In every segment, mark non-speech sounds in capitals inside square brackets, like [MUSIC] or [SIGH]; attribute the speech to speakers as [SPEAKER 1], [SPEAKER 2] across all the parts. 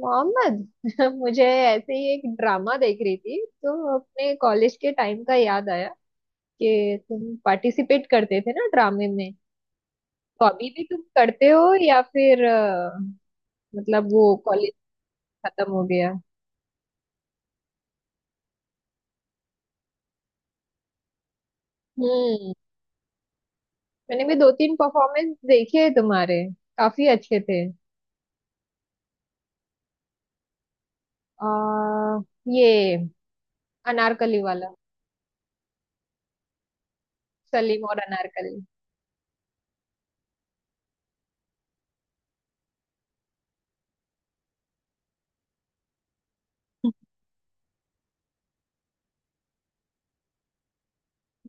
[SPEAKER 1] मोहम्मद। [LAUGHS] मुझे ऐसे ही एक ड्रामा देख रही थी तो अपने कॉलेज के टाइम का याद आया कि तुम पार्टिसिपेट करते थे ना ड्रामे में। तो अभी भी तुम करते हो या फिर मतलब वो कॉलेज खत्म हो गया। हम्म। मैंने भी दो तीन परफॉर्मेंस देखे हैं तुम्हारे, काफी अच्छे थे। आ, ये अनारकली वाला, सलीम और अनारकली।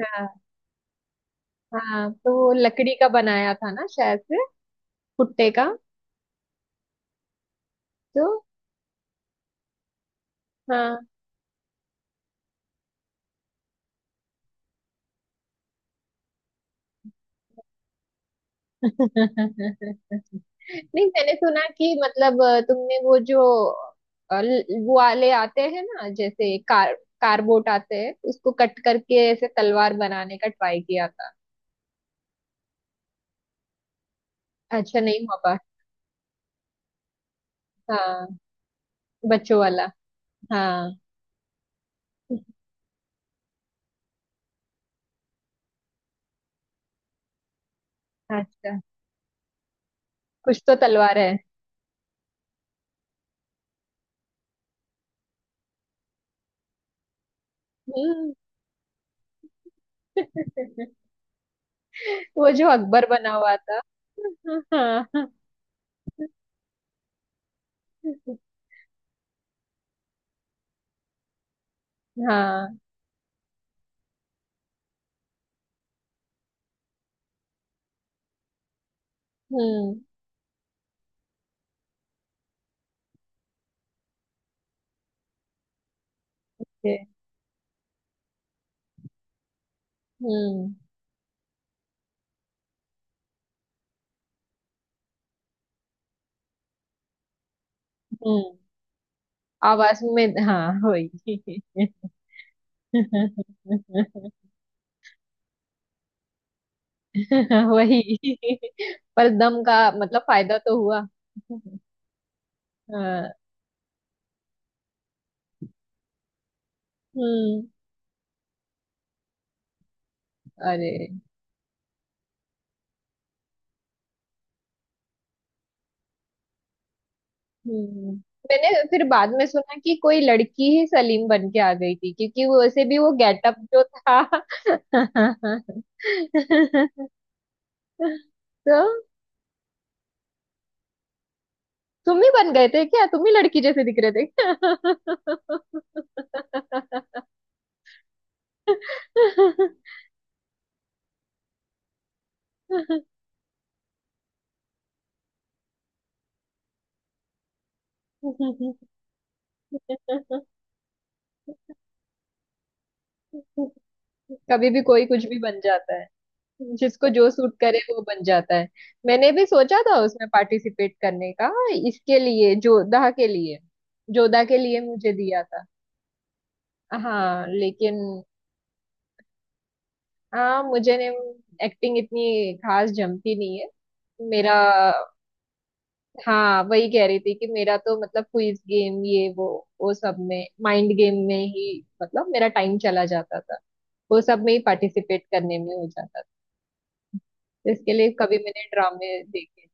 [SPEAKER 1] हाँ हाँ, तो वो लकड़ी का बनाया था ना शायद से, भुट्टे का। तो हाँ, नहीं मैंने सुना कि मतलब तुमने वो जो वो वाले आते हैं ना जैसे कार, कारबोट आते हैं उसको कट करके ऐसे तलवार बनाने का ट्राई किया था। अच्छा, नहीं हुआ पा। हाँ, बच्चों वाला। हाँ। अच्छा, कुछ तो तलवार है। हम्म। [LAUGHS] वो जो अकबर बना हुआ था। हाँ। हाँ। हम्म। ये, हम्म। हम्म। आवाज में हाँ, वही। [LAUGHS] वही, पर दम का मतलब फायदा तो हुआ। हाँ। हम्म। अरे। हम्म। मैंने फिर बाद में सुना कि कोई लड़की ही सलीम बन के आ गई थी क्योंकि वो वैसे भी वो गेटअप जो था। [LAUGHS] तो तुम ही बन गए थे क्या, तुम ही लड़की जैसे दिख रहे थे? [LAUGHS] क्या? कभी भी कोई कुछ भी बन जाता है। जिसको जो सूट करे वो बन जाता है। मैंने भी सोचा था उसमें पार्टिसिपेट करने का, इसके लिए, जोधा के लिए। जोधा के लिए मुझे दिया था। हाँ लेकिन। हाँ मुझे ने एक्टिंग इतनी खास जमती नहीं है। मेरा, हाँ वही कह रही थी कि मेरा तो मतलब क्विज गेम ये वो सब में माइंड गेम में ही मतलब मेरा टाइम चला जाता था। वो सब में ही पार्टिसिपेट करने में हो जाता था, इसके लिए कभी मैंने ड्रामे देखे।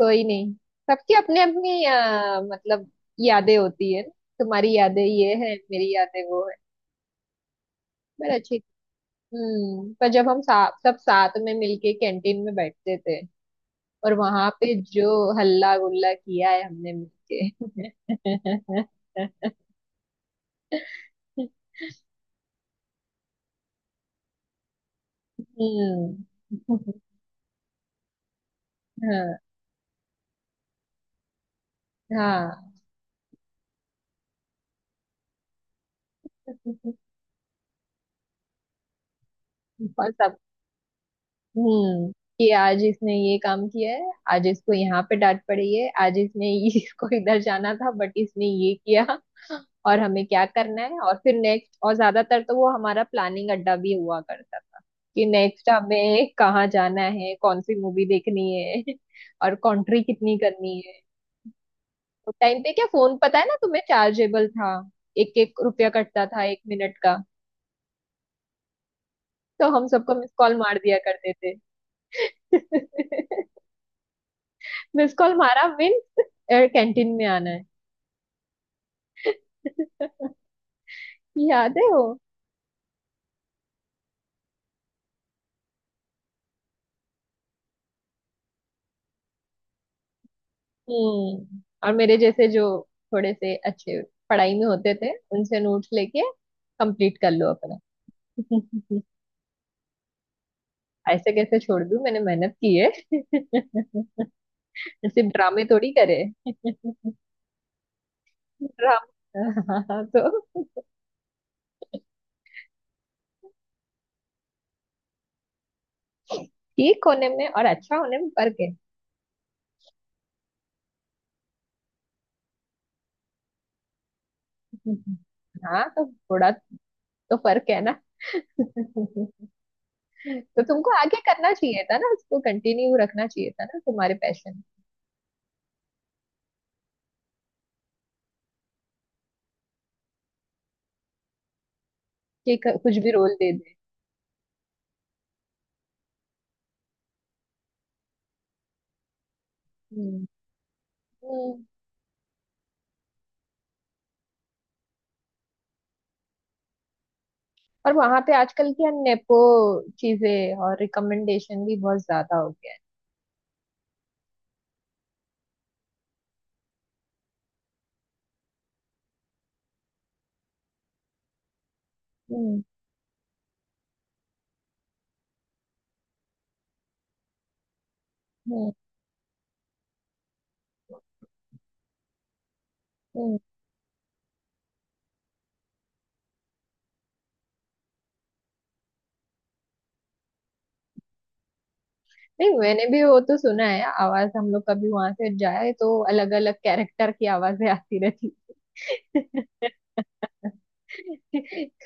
[SPEAKER 1] कोई नहीं। सबकी अपनी अपनी मतलब यादें होती है। तुम्हारी यादें ये है, मेरी यादें वो है। पर अच्छी हम्म, पर जब हम सब साथ में मिलके कैंटीन में बैठते थे और वहां पे जो हल्ला गुल्ला किया है हमने मिलके। [LAUGHS] हम्म। हाँ। हाँ और सब। हम्म, कि आज इसने ये काम किया है, आज इसको यहाँ पे डांट पड़ी है, आज इसने [LAUGHS] इसको इधर जाना था बट इसने ये किया। [LAUGHS] और हमें क्या करना है, और फिर नेक्स्ट। और ज्यादातर तो वो हमारा प्लानिंग अड्डा भी हुआ करता था कि नेक्स्ट हमें कहाँ जाना है, कौन सी मूवी देखनी है [LAUGHS] और कंट्री कितनी करनी है। तो टाइम पे क्या फोन पता है ना तुम्हें चार्जेबल था, एक एक रुपया कटता था एक मिनट का। तो हम सबको मिस कॉल मार दिया करते थे। [LAUGHS] मिस कॉल मारा मीन्स कैंटीन में आना है। [LAUGHS] याद है वो? हम्म। और मेरे जैसे जो थोड़े से अच्छे पढ़ाई में होते थे उनसे नोट्स लेके कंप्लीट कर लो अपना। [LAUGHS] ऐसे कैसे छोड़ दूं, मैंने मेहनत की है। [LAUGHS] सिर्फ ड्रामे थोड़ी करे। [LAUGHS] ड्रामा तो, ठीक होने में और अच्छा होने में फर्क है। [LAUGHS] हाँ तो थोड़ा तो फर्क है ना। [LAUGHS] तो तुमको आगे करना चाहिए था ना, उसको कंटिन्यू रखना चाहिए था ना, तुम्हारे पैशन। कि कुछ भी रोल दे दे। हम्म। हम्म। और वहां पे आजकल क्या नेपो चीजें और रिकमेंडेशन भी बहुत ज्यादा हो गया है। हम्म। हम्म। हम्म। नहीं, मैंने भी वो तो सुना है, आवाज हम लोग कभी वहां से जाए तो अलग अलग कैरेक्टर की आवाजें आती रहती। [LAUGHS]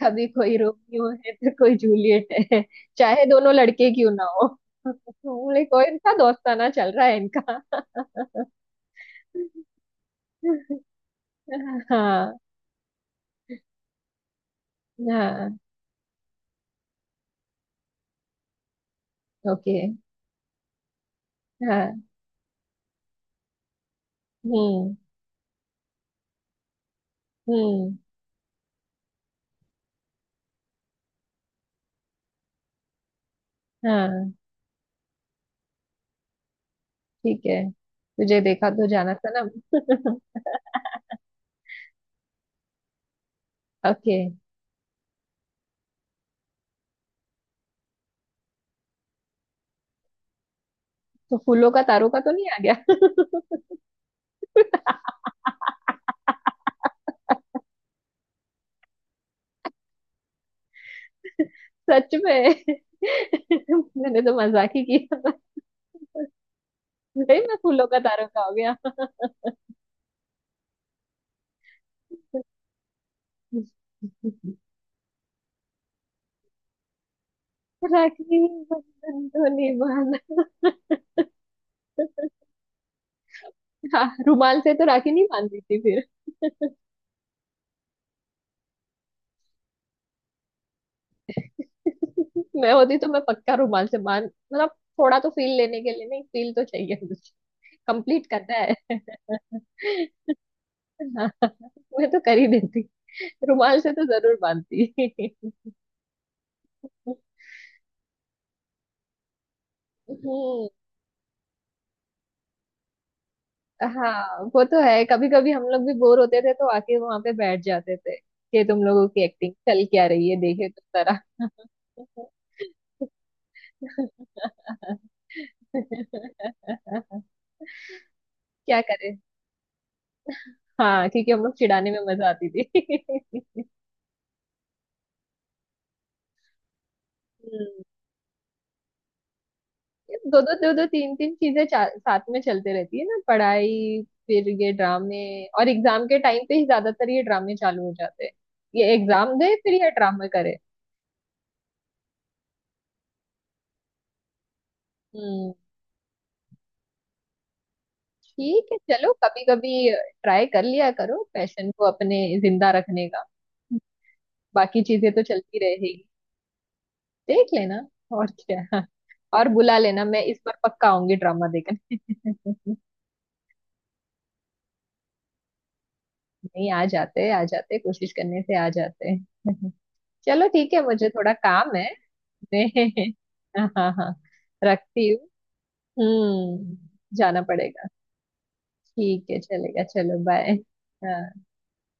[SPEAKER 1] कभी कोई रोमियो है तो कोई जूलियट है, चाहे दोनों लड़के क्यों ना हो। [LAUGHS] बोले कोई, इनका दोस्ताना चल रहा है इनका। [LAUGHS] हाँ। हाँ। ओके। हाँ। हम्म। हम्म। हाँ। ठीक है, तुझे देखा तो जाना सनम। [LAUGHS] ओके। तो फूलों का तारों का तो नहीं आ गया? [LAUGHS] सच में, मैंने तो मजाक ही किया। भाई मैं फूलों का तारों का हो गया। [LAUGHS] राखी, बंधन तो निभाना। हाँ, रुमाल से तो राखी नहीं बांधती थी फिर। [LAUGHS] मैं होती तो मैं पक्का रुमाल से बांध मतलब, थोड़ा तो फील लेने के लिए, नहीं फील तो चाहिए, कंप्लीट करना है। [LAUGHS] हाँ, मैं तो कर ही देती, रुमाल से तो जरूर बांधती। हम्म। हाँ वो तो है, कभी कभी हम लोग भी बोर होते थे तो आके वहां पे बैठ जाते थे कि तुम लोगों की एक्टिंग चल क्या रही है, देखे तो जरा। [LAUGHS] क्या करे, हाँ क्योंकि हम लोग चिढ़ाने में मजा आती थी। [LAUGHS] हम्म, दो दो दो दो तीन तीन चीजें साथ में चलते रहती है ना, पढ़ाई फिर ये ड्रामे। और एग्जाम के टाइम पे ही ज्यादातर ये ड्रामे चालू हो जाते हैं, ये एग्जाम दे फिर ये ड्रामे करे। हम्म। ठीक है, चलो कभी कभी ट्राई कर लिया करो पैशन को अपने जिंदा रखने का। बाकी चीजें तो चलती रहेगी, देख लेना। और क्या, और बुला लेना, मैं इस बार पक्का आऊंगी ड्रामा देखने। [LAUGHS] नहीं आ जाते, आ जाते, कोशिश करने से आ जाते। [LAUGHS] चलो ठीक है, मुझे थोड़ा काम है में। [LAUGHS] हाँ हाँ हाँ, रखती हूँ। हम्म, जाना पड़ेगा। ठीक है, चलेगा, चलो बाय। हाँ।